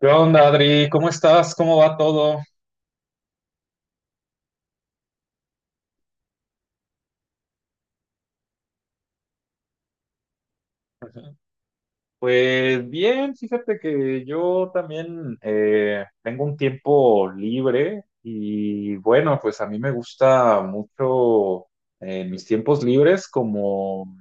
¿Qué onda, Adri? ¿Cómo estás? ¿Cómo va todo? Ujú. Pues bien, fíjate que yo también tengo un tiempo libre y bueno, pues a mí me gusta mucho en mis tiempos libres como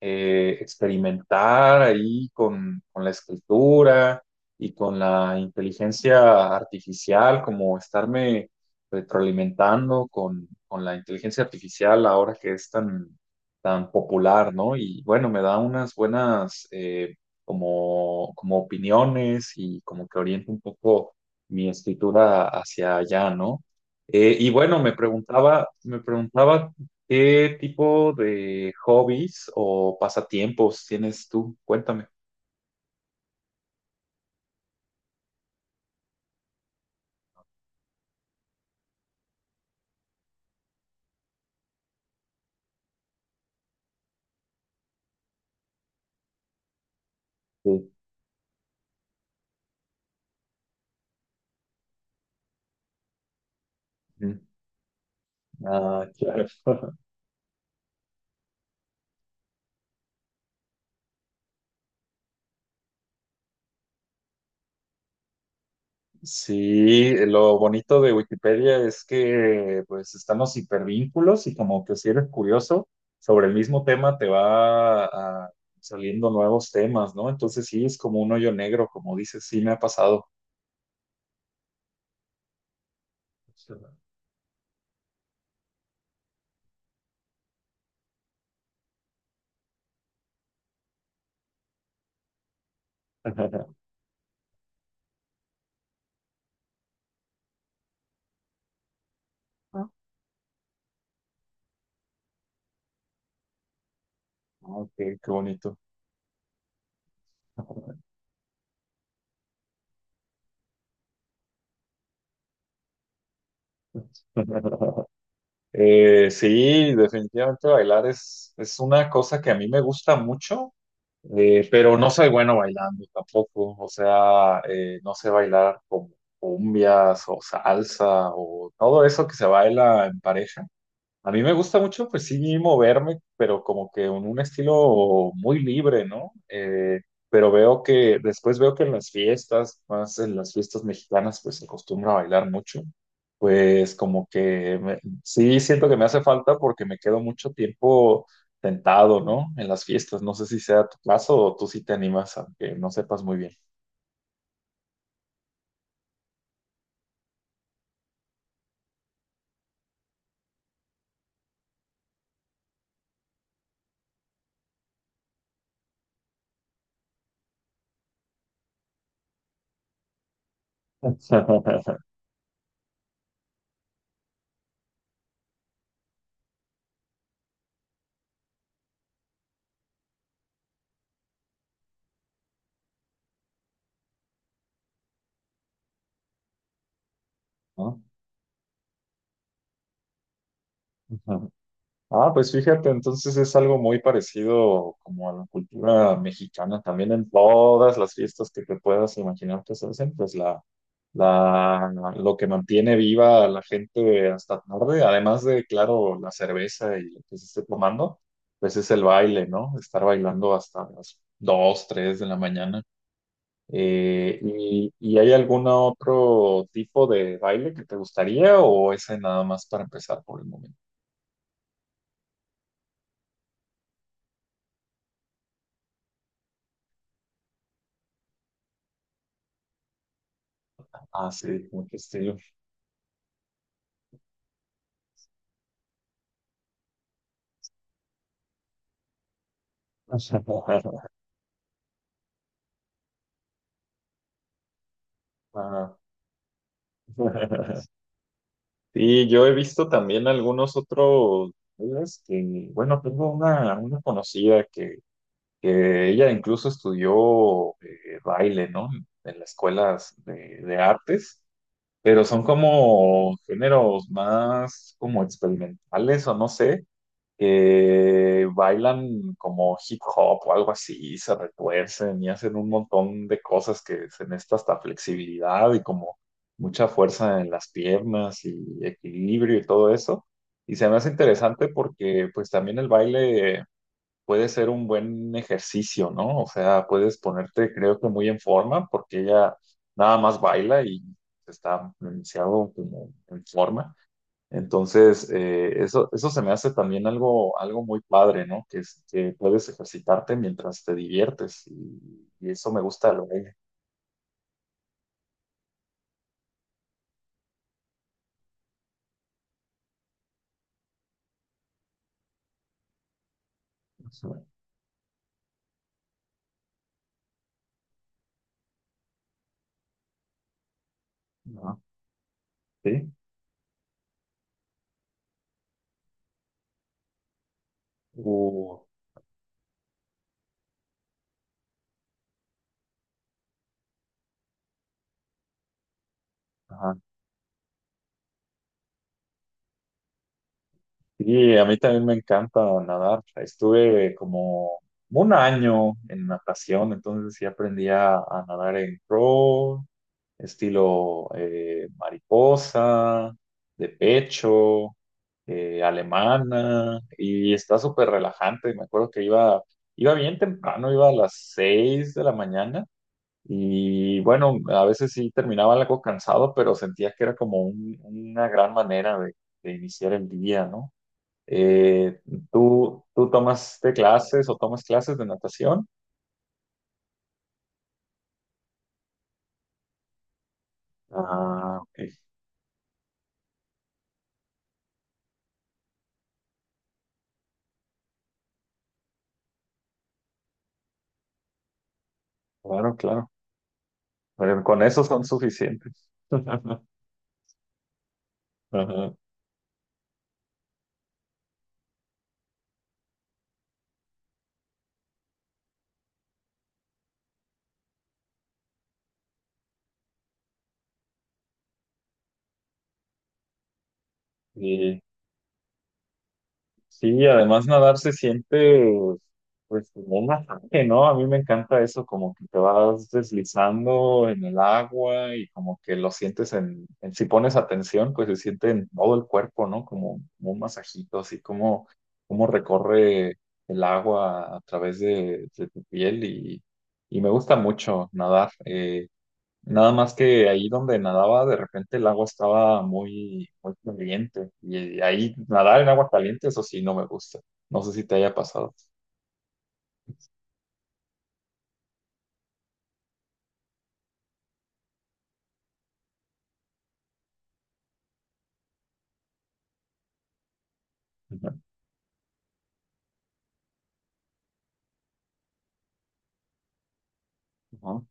experimentar ahí con la escritura y con la inteligencia artificial, como estarme retroalimentando con la inteligencia artificial ahora que es tan popular, ¿no? Y bueno, me da unas buenas, como, como opiniones y como que oriente un poco mi escritura hacia allá, ¿no? Y bueno, me preguntaba qué tipo de hobbies o pasatiempos tienes tú. Cuéntame. Sí. Mm. Ah, claro. Sí, lo bonito de Wikipedia es que pues están los hipervínculos y como que si eres curioso sobre el mismo tema te va saliendo nuevos temas, ¿no? Entonces sí, es como un hoyo negro, como dices, sí me ha pasado. Ah, ok, qué bonito. Sí, definitivamente bailar es una cosa que a mí me gusta mucho. Pero no soy bueno bailando tampoco, o sea, no sé bailar como cumbias o salsa o todo eso que se baila en pareja. A mí me gusta mucho, pues sí, moverme, pero como que en un estilo muy libre, ¿no? Pero después veo que en las fiestas, más en las fiestas mexicanas, pues se acostumbra a bailar mucho. Pues como que sí siento que me hace falta porque me quedo mucho tiempo sentado, ¿no? En las fiestas. No sé si sea tu caso o tú sí te animas, aunque no sepas muy bien. ¿No? Ah, pues fíjate, entonces es algo muy parecido como a la cultura mexicana. También en todas las fiestas que te puedas imaginar que se hacen, pues lo que mantiene viva a la gente hasta tarde, además de, claro, la cerveza y lo que se esté tomando, pues es el baile, ¿no? Estar bailando hasta las 2, 3 de la mañana. ¿Y hay algún otro tipo de baile que te gustaría o ese nada más para empezar por el momento? Ah, sí, ¿cómo qué estilo? Ajá. Sí, yo he visto también algunos otros, ¿sabes? Que, bueno, tengo una conocida que ella incluso estudió baile, ¿no? En las escuelas de artes, pero son como géneros más como experimentales o no sé, que bailan como hip hop o algo así, y se retuercen y hacen un montón de cosas que se necesita hasta flexibilidad y como mucha fuerza en las piernas y equilibrio y todo eso. Y se me hace interesante porque pues también el baile puede ser un buen ejercicio, ¿no? O sea, puedes ponerte creo que muy en forma porque ella nada más baila y está pronunciado como en forma. Entonces, eso se me hace también algo muy padre, ¿no? Que puedes ejercitarte mientras te diviertes y eso me gusta lo que... Ajá, sí. Uh, ajá. Sí, a mí también me encanta nadar. Estuve como un año en natación, entonces sí aprendí a nadar en pro, estilo mariposa, de pecho, alemana, y está súper relajante. Me acuerdo que iba bien temprano, iba a las 6 de la mañana, y bueno, a veces sí terminaba algo cansado, pero sentía que era como una gran manera de iniciar el día, ¿no? Eh, ¿tú tú tomaste clases o tomas clases de natación? Ah, ok, claro, claro. Pero con eso son suficientes. Ajá. Y sí, además nadar se siente, pues, como un masaje, ¿no? A mí me encanta eso, como que te vas deslizando en el agua y como que lo sientes si pones atención, pues se siente en todo el cuerpo, ¿no? Como un masajito, así como, como recorre el agua a través de tu piel y me gusta mucho nadar. Nada más que ahí donde nadaba, de repente el agua estaba muy caliente. Y ahí nadar en agua caliente, eso sí, no me gusta. No sé si te haya pasado. Ujú. Ujú.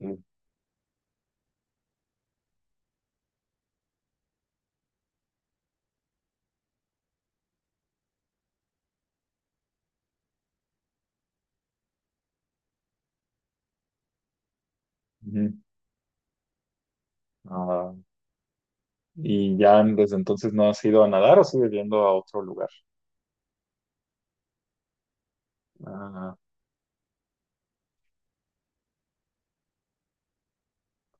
Ujú. Ujú. Ah, y ya desde entonces no has ido a nadar o sigues yendo a otro lugar. Ah,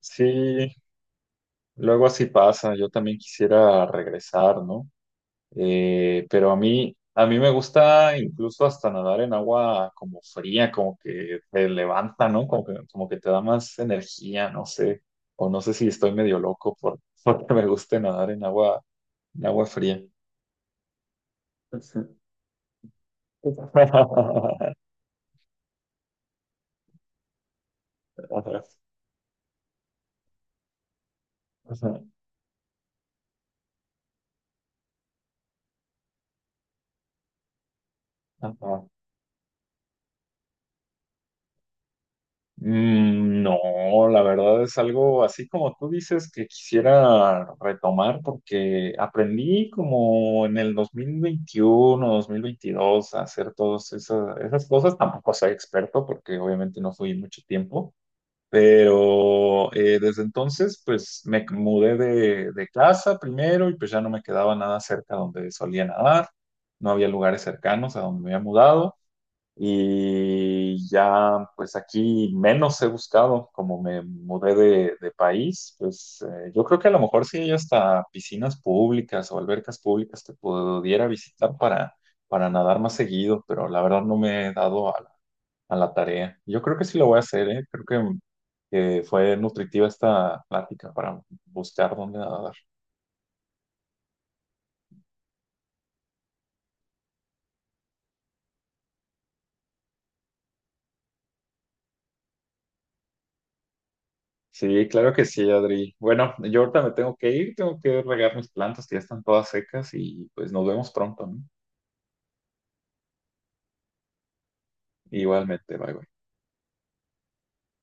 sí, luego así pasa. Yo también quisiera regresar, ¿no? A mí me gusta incluso hasta nadar en agua como fría, como que te levanta, ¿no? Como que te da más energía, no sé. O no sé si estoy medio loco por, porque me guste nadar en agua fría. Ujú. Ajá. Mm, no, la verdad es algo así como tú dices, que quisiera retomar porque aprendí como en el 2021, 2022 a hacer todas esas, esas cosas. Tampoco soy experto porque obviamente no fui mucho tiempo, pero desde entonces pues me mudé de casa primero y pues ya no me quedaba nada cerca donde solía nadar. No había lugares cercanos a donde me había mudado. Y ya, pues aquí menos he buscado, como me mudé de país, pues yo creo que a lo mejor sí hay hasta piscinas públicas o albercas públicas que pudiera visitar para nadar más seguido, pero la verdad no me he dado a a la tarea. Yo creo que sí lo voy a hacer, ¿eh? Que fue nutritiva esta plática para buscar dónde nadar. Sí, claro que sí, Adri. Bueno, yo ahorita me tengo que ir, tengo que regar mis plantas que ya están todas secas y pues nos vemos pronto, ¿no? Igualmente, bye bye.